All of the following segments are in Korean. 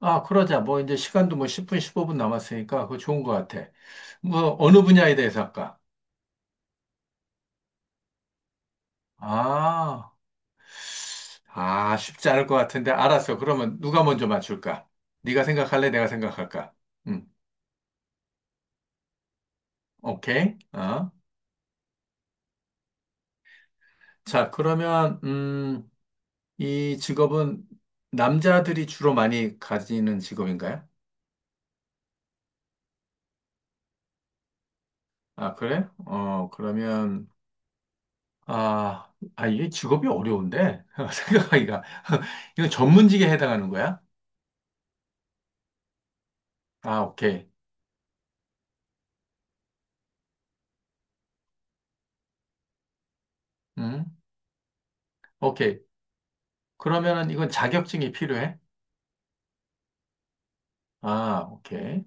아, 그러자. 뭐, 이제 시간도 뭐 10분, 15분 남았으니까 그거 좋은 것 같아. 뭐, 어느 분야에 대해서 할까? 아, 아, 쉽지 않을 것 같은데. 알았어. 그러면 누가 먼저 맞출까? 네가 생각할래? 내가 생각할까? 음, 오케이. 어. 자, 그러면, 이 직업은 남자들이 주로 많이 가지는 직업인가요? 아, 그래? 어, 그러면, 아, 이게 직업이 어려운데? 생각하기가. 이거 전문직에 해당하는 거야? 아, 오케이. 음, 오케이. 그러면은 이건 자격증이 필요해? 아, 오케이.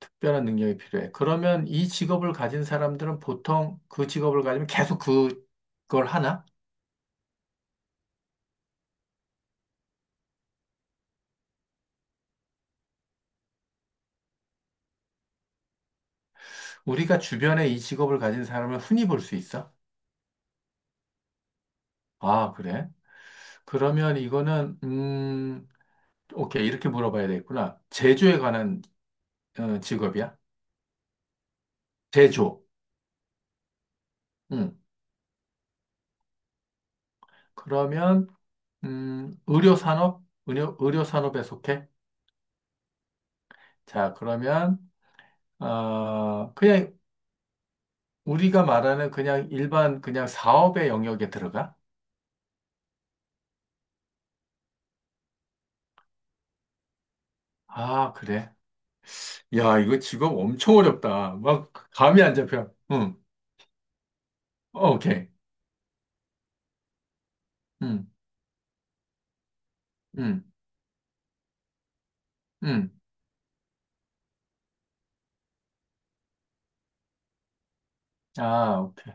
특별한 능력이 필요해. 그러면 이 직업을 가진 사람들은 보통 그 직업을 가지면 계속 그, 그걸 하나? 우리가 주변에 이 직업을 가진 사람을 흔히 볼 수 있어? 아, 그래? 그러면 이거는, 오케이. 이렇게 물어봐야 되겠구나. 제조에 관한 어, 직업이야? 제조. 음. 그러면, 의료산업? 의료산업에 속해? 자, 그러면, 어, 그냥 우리가 말하는 그냥 일반 그냥 사업의 영역에 들어가? 아, 그래. 야, 이거 직업 엄청 어렵다. 막 감이 안 잡혀. 응. 어, 오케이. 응. 응. 응. 아, 오케이.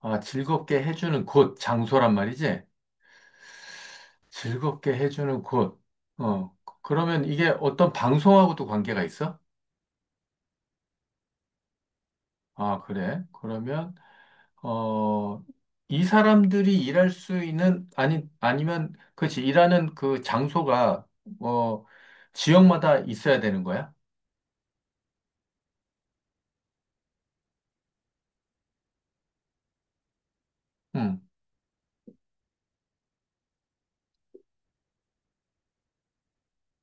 아, 즐겁게 해주는 곳, 장소란 말이지? 즐겁게 해주는 곳. 어. 그러면 이게 어떤 방송하고도 관계가 있어? 아, 그래. 그러면 어, 이 사람들이 일할 수 있는, 아니, 아니면, 그렇지, 일하는 그 장소가, 어, 지역마다 있어야 되는 거야? 응.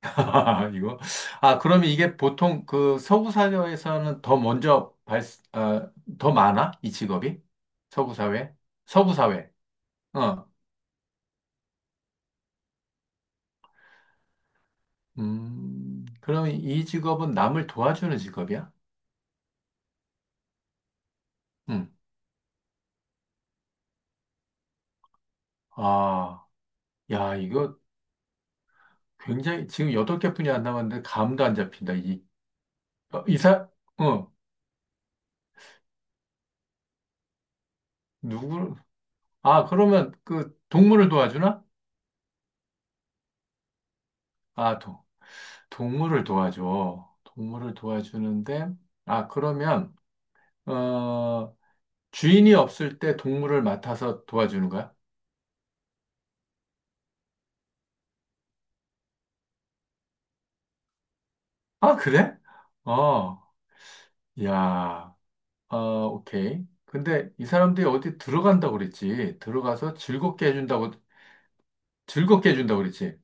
아, 이거. 아, 그러면 이게 보통 그 서구 사회에서는 더 먼저 발, 아, 더 많아? 이 직업이? 서구 사회? 서구 사회. 어. 그럼 이 직업은 남을 도와주는 직업이야? 응. 아, 야, 이거 굉장히, 지금 여덟 개 뿐이 안 남았는데 감도 안 잡힌다. 이 어, 이사, 어, 누구, 아, 그러면 그 동물을 도와주나? 아, 도, 동물을 도와줘. 동물을 도와주는데, 아, 그러면, 어, 주인이 없을 때 동물을 맡아서 도와주는 거야? 아, 그래? 어, 야, 어, 오케이. 근데 이 사람들이 어디 들어간다고 그랬지? 들어가서 즐겁게 해준다고, 즐겁게 해준다고 그랬지?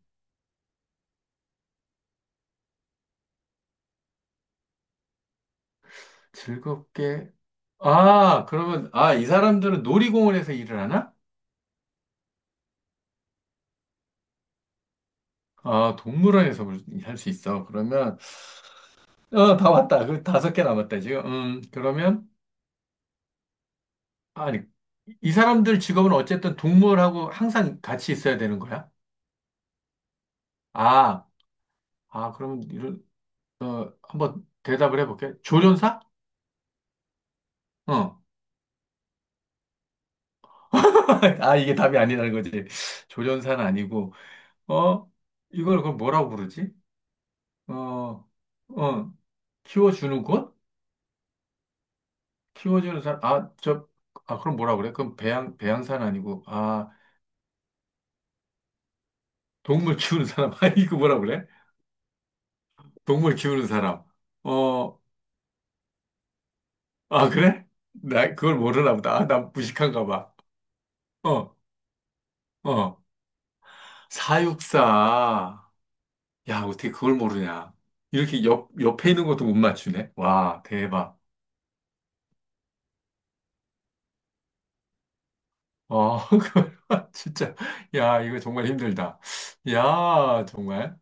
즐겁게, 아, 그러면, 아, 이 사람들은 놀이공원에서 일을 하나? 아, 동물원에서 할 수 있어. 그러면, 어, 다 왔다. 그 다섯 개 남았다, 지금. 그러면, 아니, 이 사람들 직업은 어쨌든 동물하고 항상 같이 있어야 되는 거야? 아, 아, 그러면, 이런, 어, 한번 대답을 해볼게. 조련사? 어. 아, 이게 답이 아니라는 거지. 조련사는 아니고, 어, 이걸 그럼 뭐라고 부르지? 어, 어, 키워주는 곳? 키워주는 사람, 아, 저, 아, 그럼 뭐라 그래? 그럼 배양, 배양사는 아니고, 아, 동물 키우는 사람. 아, 이거 뭐라 그래? 동물 키우는 사람. 어, 아, 그래? 나 그걸 모르나 보다. 아, 나 무식한가 봐. 어, 어. 사육사. 야, 어떻게 그걸 모르냐. 이렇게 옆에 있는 것도 못 맞추네. 와, 대박. 어, 그걸 진짜. 야, 이거 정말 힘들다. 야, 정말.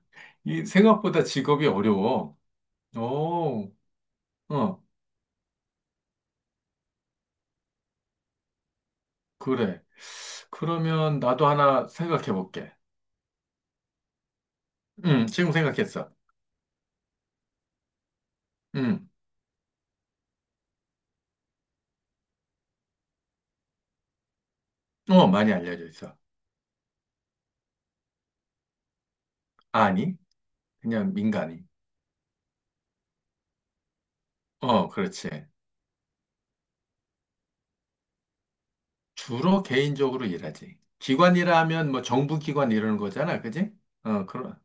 이 생각보다 직업이 어려워. 오, 어, 그래. 그러면 나도 하나 생각해 볼게. 지금 생각했어. 음. 어, 많이 알려져 있어. 아니, 그냥 민간이. 어, 그렇지. 주로 개인적으로 일하지. 기관이라면 뭐 정부 기관 이러는 거잖아, 그지? 어, 그런.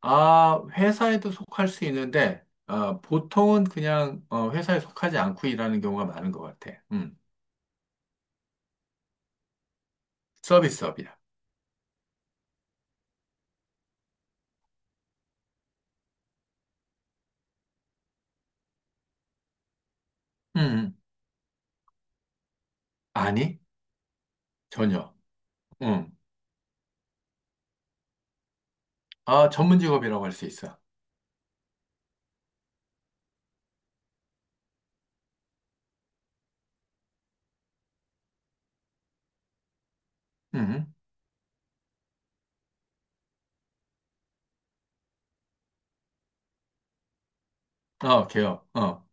아, 회사에도 속할 수 있는데, 어, 보통은 그냥 어, 회사에 속하지 않고 일하는 경우가 많은 것 같아. 서비스업이야. 음, 음. 아니, 전혀. 음, 아, 전문 직업이라고 할 수 있어. 음, 어, 개업.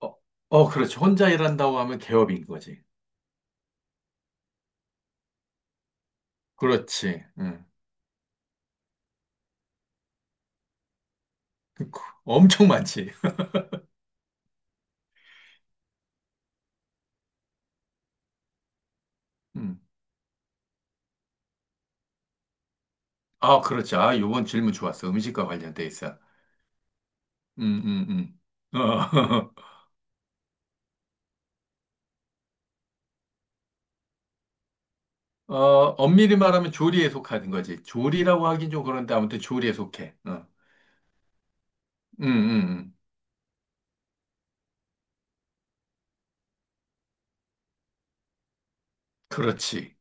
어, 어, 그렇지. 혼자 일한다고 하면 개업인 거지. 그렇지. 음. 엄청 많지. 음. 아, 그렇지. 아, 요번 질문 좋았어. 음식과 관련돼 있어. 음, 음, 어, 어, 엄밀히 말하면 조리에 속하는 거지. 조리라고 하긴 좀 그런데 아무튼 조리에 속해. 어. 음, 음, 음. 그렇지.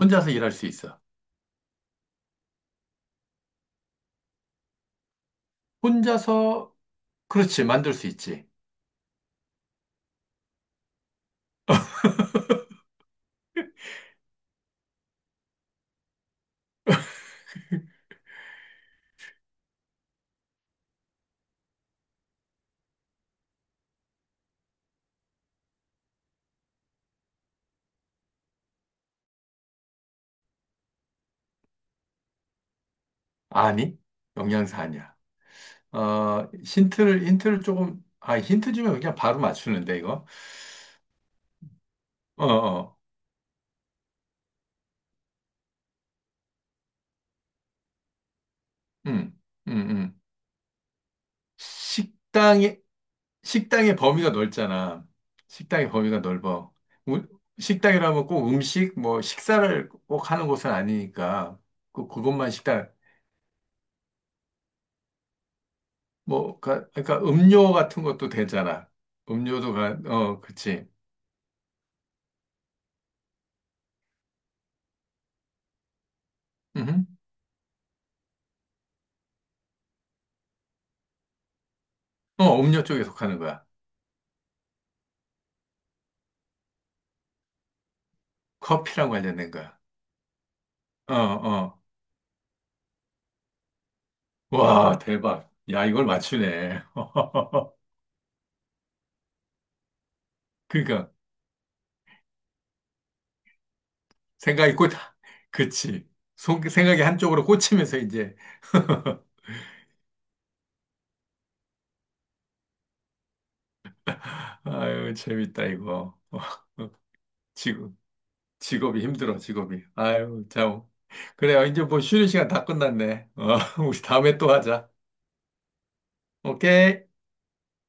혼자서 일할 수 있어. 혼자서, 그렇지. 만들 수 있지. 아니? 영양사 아니야. 어, 힌트를 조금, 아, 힌트 주면 그냥 바로 맞추는데, 이거. 어, 어. 음, 음, 음. 식당에, 식당의 범위가 넓잖아. 식당의 범위가 넓어. 우- 식당이라면 꼭 음식, 뭐, 식사를 꼭 하는 곳은 아니니까, 그것만 식당, 뭐, 가- 그러니까 음료 같은 것도 되잖아. 음료도 가, 어, 그치. 음 어, 음료 쪽에 속하는 거야. 커피랑 관련된 거야. 어, 어. 와, 대박. 야, 이걸 맞추네. 그러니까, 생각이 꽂, 그치. 속- 생각이 한쪽으로 꽂히면서 이제, 아유, 재밌다, 이거. 지금, 직업이 힘들어, 직업이. 아유, 참. 그래요. 이제 뭐 쉬는 시간 다 끝났네. 어, 우리 다음에 또 하자. 오케이.